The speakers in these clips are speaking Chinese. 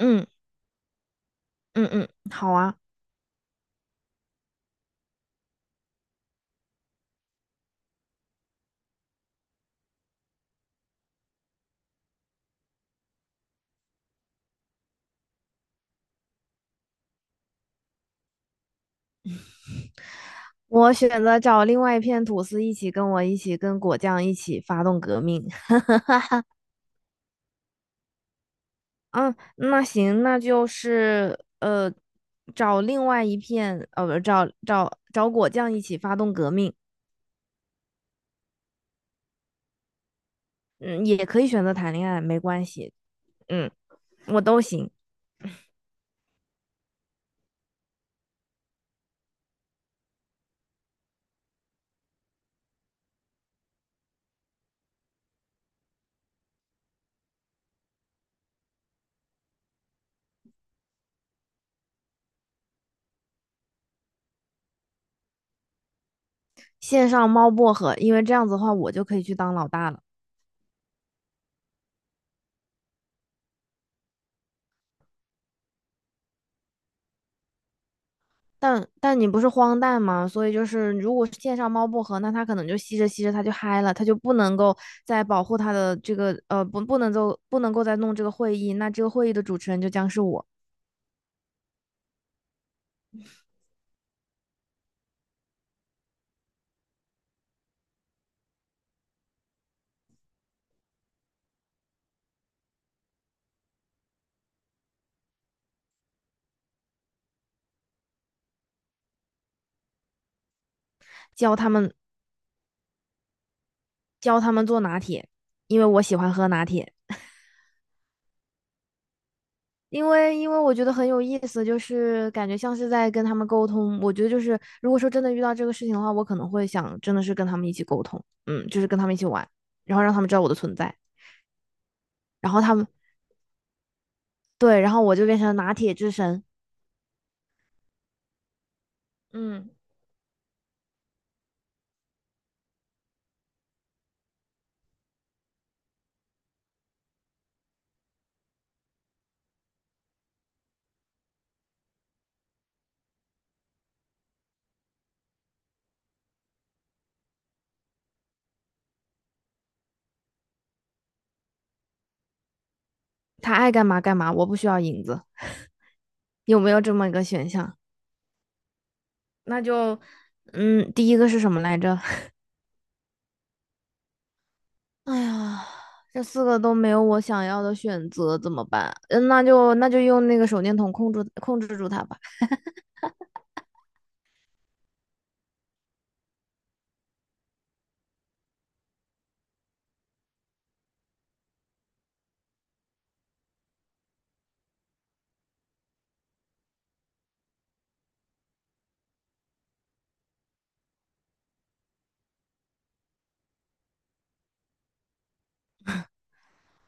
嗯嗯嗯，好啊。我选择找另外一片吐司一起跟我一起跟果酱一起发动革命。嗯，那行，那就是找另外一片呃，不，找果酱一起发动革命。嗯，也可以选择谈恋爱，没关系。嗯，我都行。线上猫薄荷，因为这样子的话，我就可以去当老大了。但你不是荒诞吗？所以就是，如果线上猫薄荷，那它可能就吸着吸着它就嗨了，它就不能够再保护它的这个不能够再弄这个会议，那这个会议的主持人就将是我。教他们教他们做拿铁，因为我喜欢喝拿铁。因为我觉得很有意思，就是感觉像是在跟他们沟通。我觉得就是，如果说真的遇到这个事情的话，我可能会想真的是跟他们一起沟通，嗯，就是跟他们一起玩，然后让他们知道我的存在，然后他们对，然后我就变成拿铁之神。嗯，他爱干嘛干嘛，我不需要影子，有没有这么一个选项？那就，嗯，第一个是什么来着？哎呀，这四个都没有我想要的选择，怎么办？嗯，那就那就用那个手电筒控制住他吧。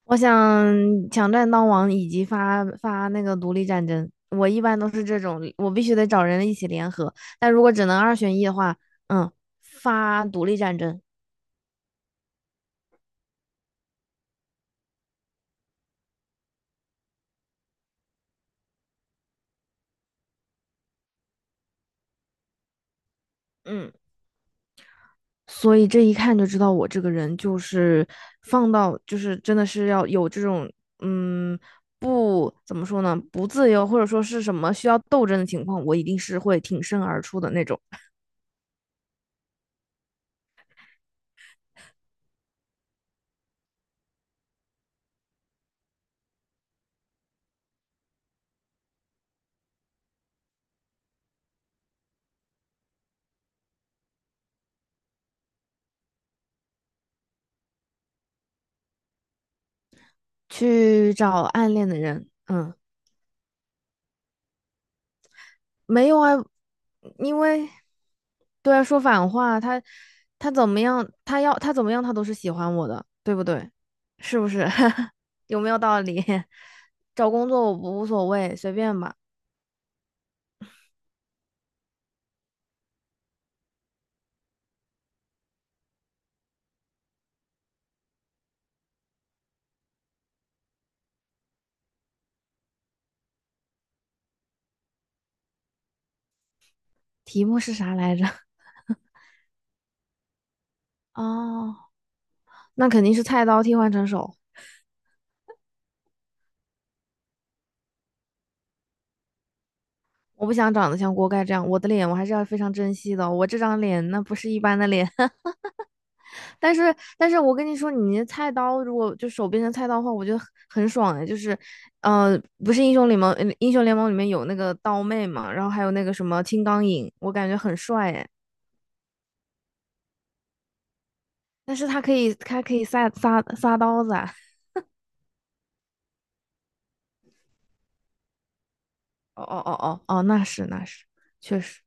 我想抢占当王以及发那个独立战争，我一般都是这种，我必须得找人一起联合。但如果只能二选一的话，嗯，发独立战争。嗯，所以这一看就知道我这个人就是放到就是真的是要有这种嗯不怎么说呢，不自由或者说是什么需要斗争的情况，我一定是会挺身而出的那种。去找暗恋的人。嗯，没有啊，因为对啊，说反话，他他怎么样，他要他怎么样，他都是喜欢我的，对不对？是不是？有没有道理？找工作我不无所谓，随便吧。题目是啥来着？哦，那肯定是菜刀替换成手。我不想长得像锅盖这样，我的脸我还是要非常珍惜的。我这张脸那不是一般的脸。但是我跟你说，你那菜刀如果就手变成菜刀的话，我觉得很爽哎。呃，不是英雄联盟，英雄联盟里面有那个刀妹嘛，然后还有那个什么青钢影，我感觉很帅哎。但是他可以他可以撒刀子啊。哦哦哦哦，那是那是，确实。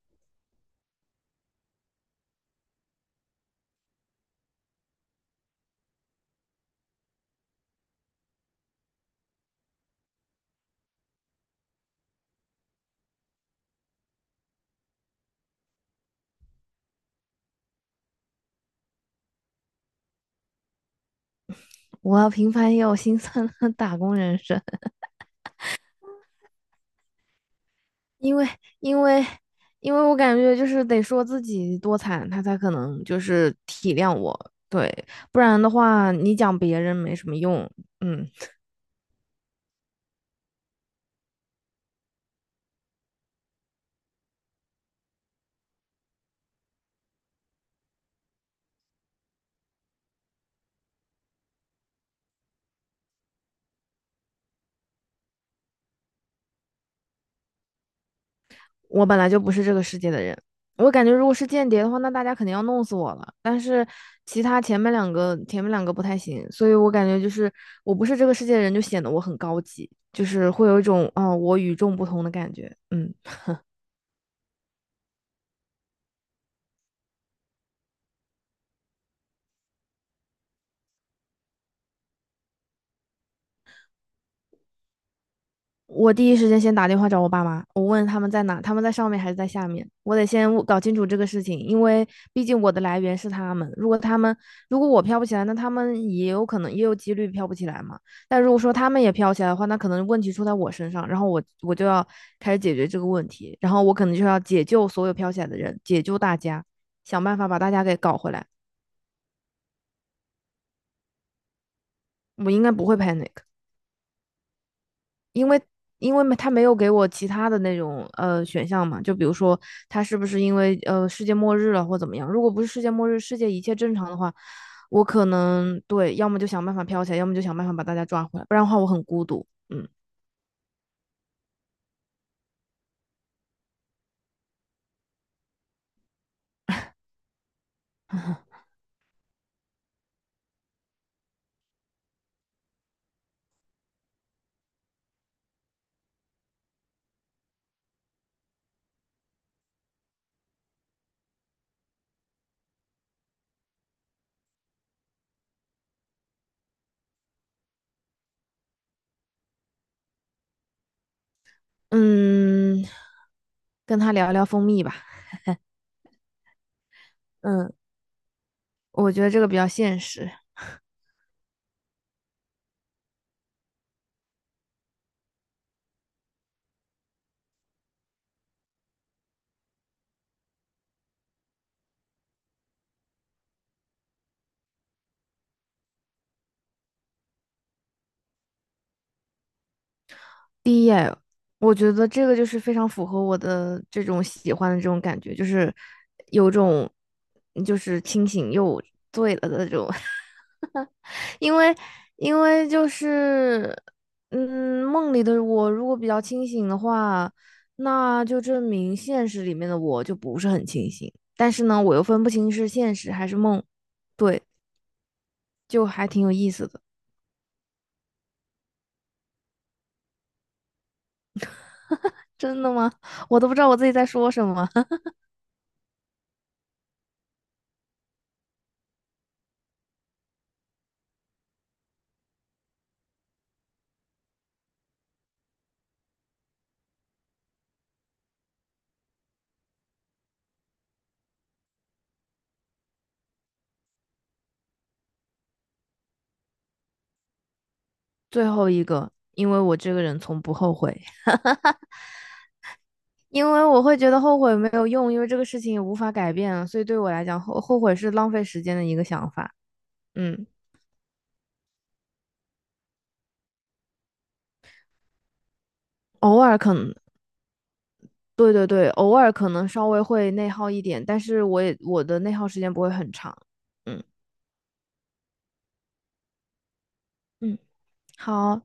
我要平凡也有心酸的打工人生。因为因为因为我感觉就是得说自己多惨，他才可能就是体谅我，对。不然的话你讲别人没什么用。嗯，我本来就不是这个世界的人，我感觉如果是间谍的话，那大家肯定要弄死我了。但是其他前面两个不太行，所以我感觉就是我不是这个世界的人，就显得我很高级，就是会有一种哦我与众不同的感觉。嗯。我第一时间先打电话找我爸妈，我问他们在哪，他们在上面还是在下面，我得先搞清楚这个事情，因为毕竟我的来源是他们。如果我飘不起来，那他们也有可能也有几率飘不起来嘛。但如果说他们也飘起来的话，那可能问题出在我身上，然后我就要开始解决这个问题，然后我可能就要解救所有飘起来的人，解救大家，想办法把大家给搞回来。我应该不会 panic。因为因为他没有给我其他的那种选项嘛，就比如说他是不是因为世界末日了或怎么样？如果不是世界末日，世界一切正常的话，我可能对，要么就想办法飘起来，要么就想办法把大家抓回来，不然的话我很孤独。嗯 嗯，跟他聊聊蜂蜜吧。嗯，我觉得这个比较现实。我觉得这个就是非常符合我的这种喜欢的这种感觉，就是有种就是清醒又醉了的这种。因为因为就是，嗯，梦里的我如果比较清醒的话，那就证明现实里面的我就不是很清醒。但是呢，我又分不清是现实还是梦，对，就还挺有意思的。真的吗？我都不知道我自己在说什么。最后一个，因为我这个人从不后悔，因为我会觉得后悔没有用，因为这个事情也无法改变，所以对我来讲，后悔是浪费时间的一个想法。嗯，偶尔可能对对对，偶尔可能稍微会内耗一点，但是我的内耗时间不会很长。嗯嗯，好，